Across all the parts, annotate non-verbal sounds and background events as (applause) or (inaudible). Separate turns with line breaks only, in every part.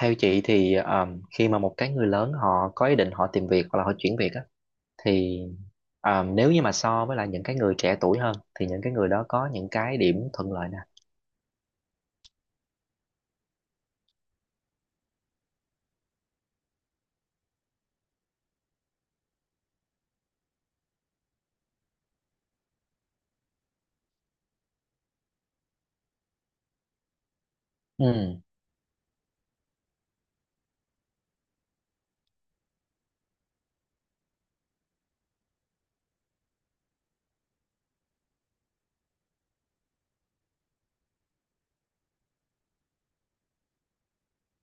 Theo chị thì khi mà một cái người lớn họ có ý định họ tìm việc hoặc là họ chuyển việc á thì nếu như mà so với lại những cái người trẻ tuổi hơn thì những cái người đó có những cái điểm thuận lợi nè. Ừ,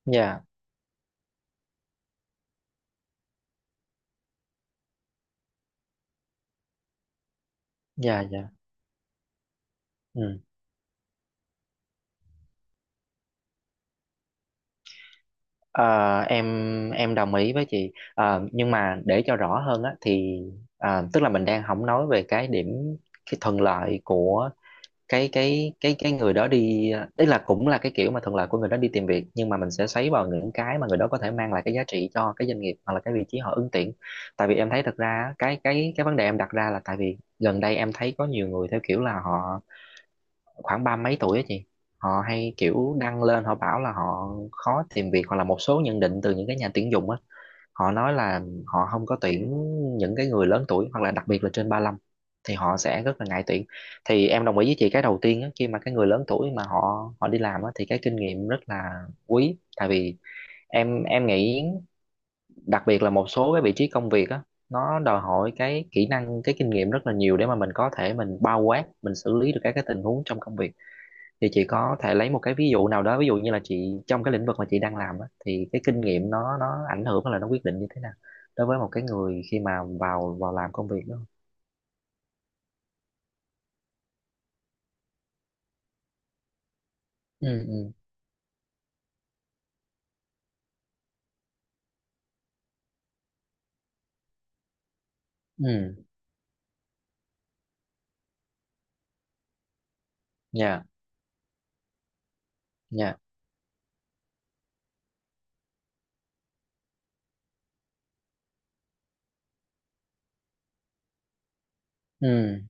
dạ, dạ, dạ. Ừ. Ờ, em đồng ý với chị. Ờ, nhưng mà để cho rõ hơn á thì à, tức là mình đang không nói về cái điểm cái thuận lợi của cái người đó đi, tức là cũng là cái kiểu mà thuận lợi của người đó đi tìm việc, nhưng mà mình sẽ xoáy vào những cái mà người đó có thể mang lại cái giá trị cho cái doanh nghiệp hoặc là cái vị trí họ ứng tuyển. Tại vì em thấy thật ra á, cái vấn đề em đặt ra là tại vì gần đây em thấy có nhiều người theo kiểu là họ khoảng ba mấy tuổi á chị, họ hay kiểu đăng lên họ bảo là họ khó tìm việc hoặc là một số nhận định từ những cái nhà tuyển dụng á, họ nói là họ không có tuyển những cái người lớn tuổi hoặc là đặc biệt là trên ba lăm thì họ sẽ rất là ngại tuyển. Thì em đồng ý với chị cái đầu tiên á, khi mà cái người lớn tuổi mà họ họ đi làm á, thì cái kinh nghiệm rất là quý, tại vì em nghĩ đặc biệt là một số cái vị trí công việc á, nó đòi hỏi cái kỹ năng cái kinh nghiệm rất là nhiều để mà mình có thể mình bao quát mình xử lý được các cái tình huống trong công việc. Thì chị có thể lấy một cái ví dụ nào đó, ví dụ như là chị trong cái lĩnh vực mà chị đang làm á, thì cái kinh nghiệm nó ảnh hưởng hay là nó quyết định như thế nào đối với một cái người khi mà vào vào làm công việc đó? Ừ, ừ, ừ. Dạ, dạ. Ừ,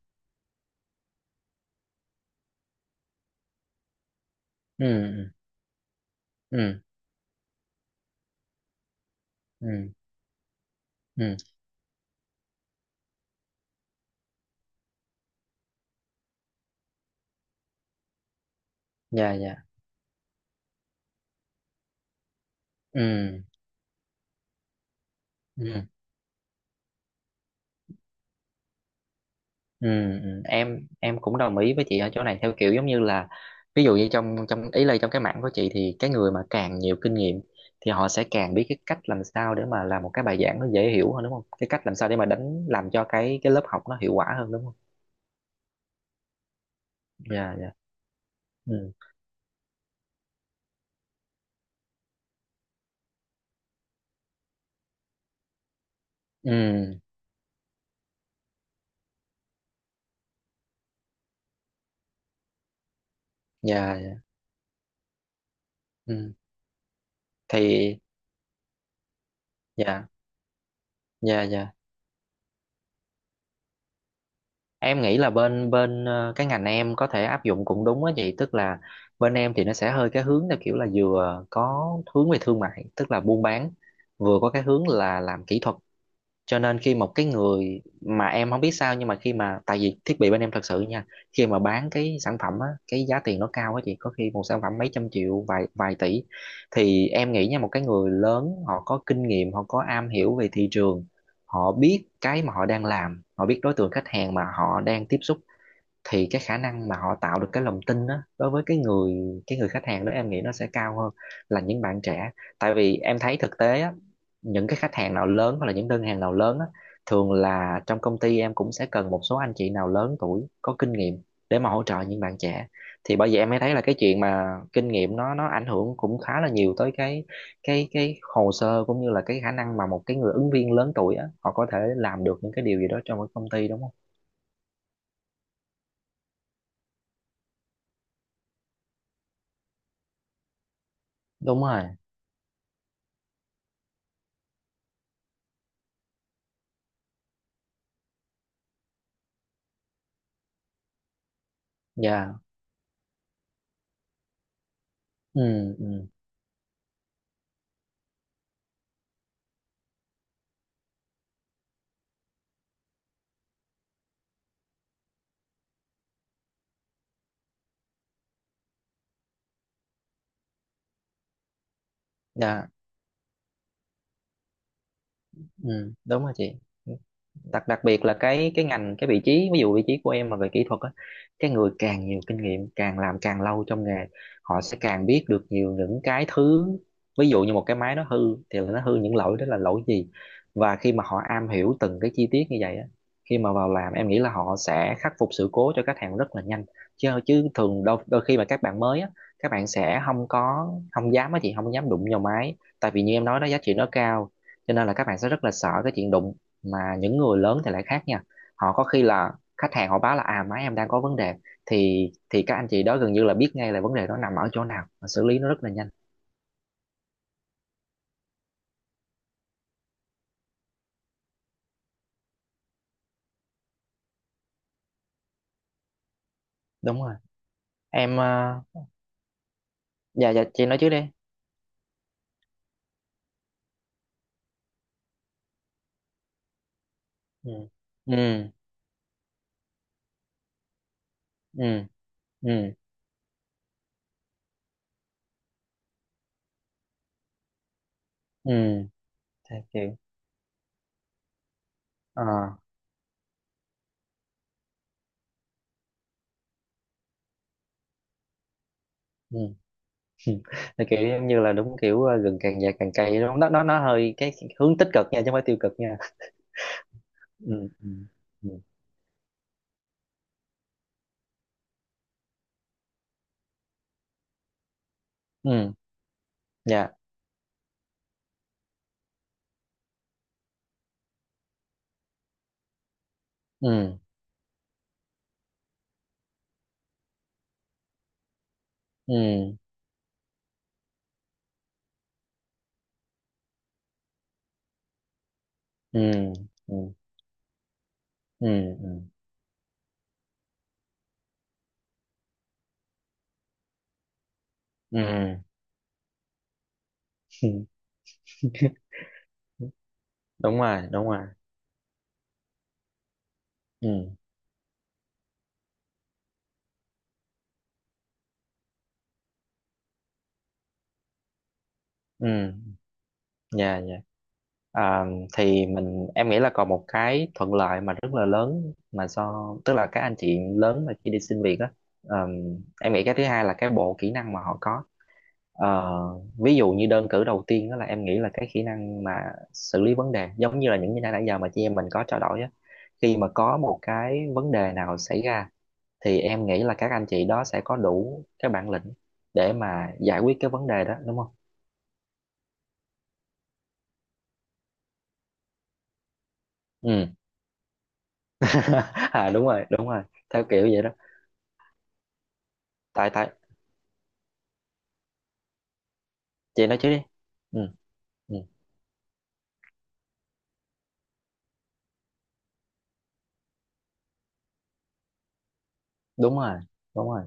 ừ, ừ, ừ, ừ, ừ. Dạ, dạ. Ừ, ừ. Ừ, ừ, em cũng đồng ý với chị ở chỗ này, theo kiểu giống như là ví dụ như trong trong ý là trong cái mảng của chị thì cái người mà càng nhiều kinh nghiệm thì họ sẽ càng biết cái cách làm sao để mà làm một cái bài giảng nó dễ hiểu hơn đúng không? Cái cách làm sao để mà đánh làm cho cái lớp học nó hiệu quả hơn đúng không? Dạ, dạ. Ừ. Ừ, dạ, dạ. Ừ. Thì dạ, dạ, dạ. Em nghĩ là bên bên cái ngành em có thể áp dụng cũng đúng á chị, tức là bên em thì nó sẽ hơi cái hướng theo kiểu là vừa có hướng về thương mại, tức là buôn bán, vừa có cái hướng là làm kỹ thuật. Cho nên khi một cái người mà em không biết sao nhưng mà khi mà tại vì thiết bị bên em thật sự nha, khi mà bán cái sản phẩm á cái giá tiền nó cao á chị, có khi một sản phẩm mấy trăm triệu vài vài tỷ. Thì em nghĩ nha, một cái người lớn họ có kinh nghiệm, họ có am hiểu về thị trường, họ biết cái mà họ đang làm, họ biết đối tượng khách hàng mà họ đang tiếp xúc, thì cái khả năng mà họ tạo được cái lòng tin đó đối với cái người khách hàng đó em nghĩ nó sẽ cao hơn là những bạn trẻ. Tại vì em thấy thực tế á, những cái khách hàng nào lớn hoặc là những đơn hàng nào lớn á, thường là trong công ty em cũng sẽ cần một số anh chị nào lớn tuổi có kinh nghiệm để mà hỗ trợ những bạn trẻ. Thì bởi vậy em mới thấy là cái chuyện mà kinh nghiệm nó ảnh hưởng cũng khá là nhiều tới cái hồ sơ cũng như là cái khả năng mà một cái người ứng viên lớn tuổi á họ có thể làm được những cái điều gì đó trong một công ty đúng không? Đúng rồi. Dạ. Ừ, ừ. Dạ. Ừ, đúng rồi chị. Đặc đặc biệt là cái ngành cái vị trí, ví dụ vị trí của em mà về kỹ thuật á, cái người càng nhiều kinh nghiệm càng làm càng lâu trong nghề họ sẽ càng biết được nhiều những cái thứ, ví dụ như một cái máy nó hư thì nó hư những lỗi đó là lỗi gì, và khi mà họ am hiểu từng cái chi tiết như vậy á, khi mà vào làm em nghĩ là họ sẽ khắc phục sự cố cho khách hàng rất là nhanh. Chứ chứ thường đôi khi mà các bạn mới á, các bạn sẽ không có không dám á chị, không dám đụng vào máy tại vì như em nói đó giá trị nó cao. Cho nên là các bạn sẽ rất là sợ cái chuyện đụng, mà những người lớn thì lại khác nha, họ có khi là khách hàng họ báo là à máy em đang có vấn đề, thì các anh chị đó gần như là biết ngay là vấn đề đó nằm ở chỗ nào và xử lý nó rất là nhanh. Đúng rồi. Em dạ, dạ chị, nói trước đi. Ừ, ừ, ừ, ừ, ừ. Thì kiểu ờ ừ. (laughs) Thì kiểu giống như là đúng kiểu gừng càng già càng cay đúng không? Nó hơi cái hướng tích cực nha, chứ không phải tiêu cực nha. Ừ, ừ, ừ, ừ. Dạ. Ừ, ừ, ừ, ừ, ừ, ừ, ừ. Ừ, (laughs) đúng rồi, đúng rồi. Ừ, ừ. Dạ, dạ. À, thì mình em nghĩ là còn một cái thuận lợi mà rất là lớn mà do, tức là các anh chị lớn mà khi đi xin việc á, ờ, em nghĩ cái thứ hai là cái bộ kỹ năng mà họ có. Ờ, ví dụ như đơn cử đầu tiên đó là em nghĩ là cái kỹ năng mà xử lý vấn đề, giống như là những gì nãy nãy giờ mà chị em mình có trao đổi á, khi mà có một cái vấn đề nào xảy ra thì em nghĩ là các anh chị đó sẽ có đủ cái bản lĩnh để mà giải quyết cái vấn đề đó đúng không? Ừ. (laughs) À, đúng rồi, đúng rồi, theo kiểu vậy đó. Tại tại chị nói chứ đi. Ừ, ừ, đúng rồi, đúng rồi.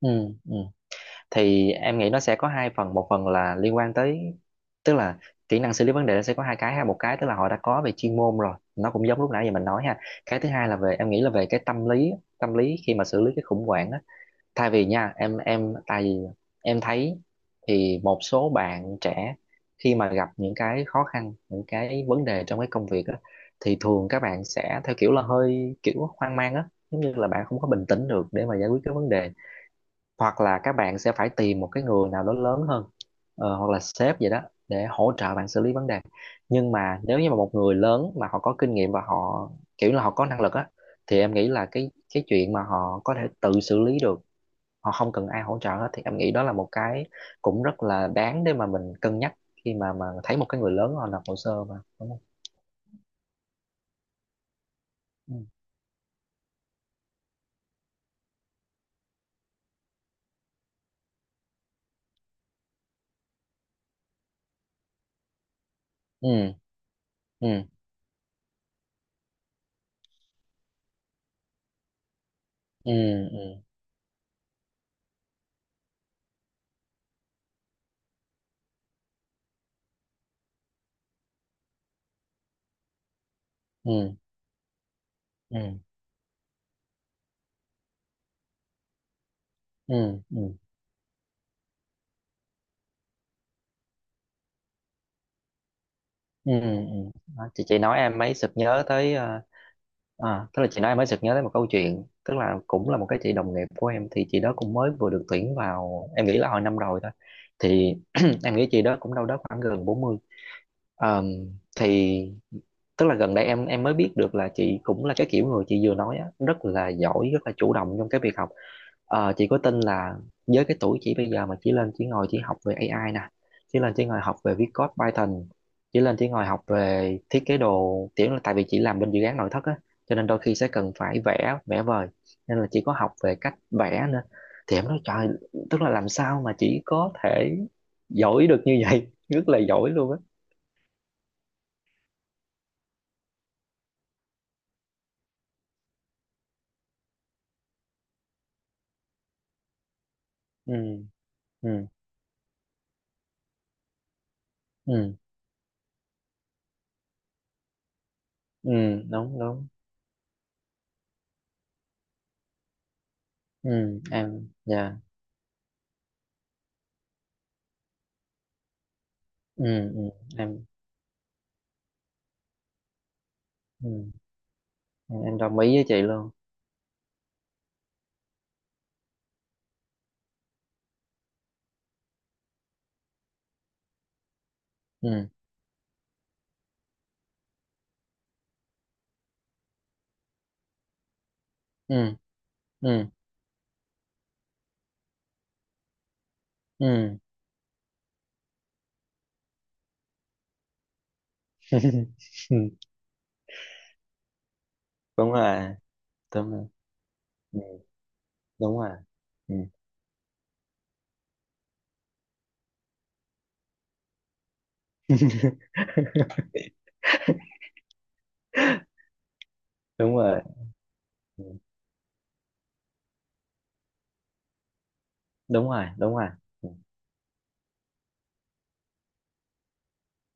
Ừ, ừ. Thì em nghĩ nó sẽ có hai phần, một phần là liên quan tới, tức là kỹ năng xử lý vấn đề nó sẽ có hai cái ha, một cái tức là họ đã có về chuyên môn rồi, nó cũng giống lúc nãy giờ mình nói ha, cái thứ hai là về em nghĩ là về cái tâm lý, tâm lý khi mà xử lý cái khủng hoảng á. Thay vì nha em tại vì em thấy thì một số bạn trẻ khi mà gặp những cái khó khăn những cái vấn đề trong cái công việc á thì thường các bạn sẽ theo kiểu là hơi kiểu hoang mang á, giống như là bạn không có bình tĩnh được để mà giải quyết cái vấn đề, hoặc là các bạn sẽ phải tìm một cái người nào đó lớn hơn, hoặc là sếp vậy đó, để hỗ trợ bạn xử lý vấn đề. Nhưng mà nếu như mà một người lớn mà họ có kinh nghiệm và họ kiểu là họ có năng lực á thì em nghĩ là cái chuyện mà họ có thể tự xử lý được, họ không cần ai hỗ trợ hết, thì em nghĩ đó là một cái cũng rất là đáng để mà mình cân nhắc khi mà thấy một cái người lớn họ nộp hồ sơ mà đúng không? Ừ, ừ, ừ, ừ, ừ, ừ, ừ, ừ, ừ, ừ, ừ. Đó, chị nói em mới sực nhớ tới à, tức là chị nói em mới sực nhớ tới một câu chuyện, tức là cũng là một cái chị đồng nghiệp của em thì chị đó cũng mới vừa được tuyển vào em nghĩ là hồi năm rồi thôi. Thì (clears throat) em nghĩ chị đó cũng đâu đó khoảng gần 40. Ờm, thì tức là gần đây em mới biết được là chị cũng là cái kiểu người chị vừa nói á, rất là giỏi, rất là chủ động trong cái việc học. Ờ, chị có tin là với cái tuổi chị bây giờ mà chỉ lên chỉ ngồi chỉ học về AI nè, chỉ lên chỉ ngồi học về viết code Python, chỉ lên chỉ ngồi học về thiết kế đồ, kiểu là tại vì chị làm bên dự án nội thất á, cho nên đôi khi sẽ cần phải vẽ, vẽ vời. Nên là chị có học về cách vẽ nữa. Thì em nói trời, tức là làm sao mà chị có thể giỏi được như vậy, (laughs) rất là giỏi luôn á. Ừ, ừ, ừ, ừ, đúng, đúng. Ừ em. Dạ. Ừ, ừ em. Ừ, em đồng ý với chị luôn. Ừ, ừ, ừ, ừ. (laughs) Đúng rồi, đúng rồi. Ừ, đúng rồi. Ừ. (laughs) Đúng rồi. Ừ, đúng rồi, đúng rồi. Ừ,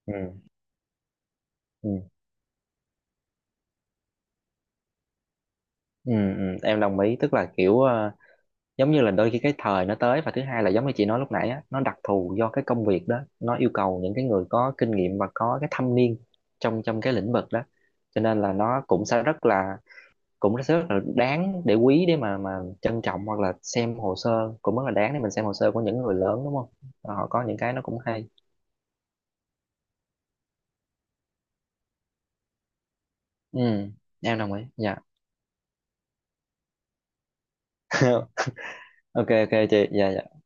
ừ, ừ, ừ, ừ, em đồng ý, tức là kiểu giống như là đôi khi cái thời nó tới và thứ hai là giống như chị nói lúc nãy á nó đặc thù do cái công việc đó nó yêu cầu những cái người có kinh nghiệm và có cái thâm niên trong trong cái lĩnh vực đó. Cho nên là nó cũng sẽ rất là cũng rất là đáng để quý để mà trân trọng, hoặc là xem hồ sơ cũng rất là đáng để mình xem hồ sơ của những người lớn đúng không, họ có những cái nó cũng hay. Ừ, em đồng ý. Dạ. (laughs) Ok, ok chị. Dạ, dạ.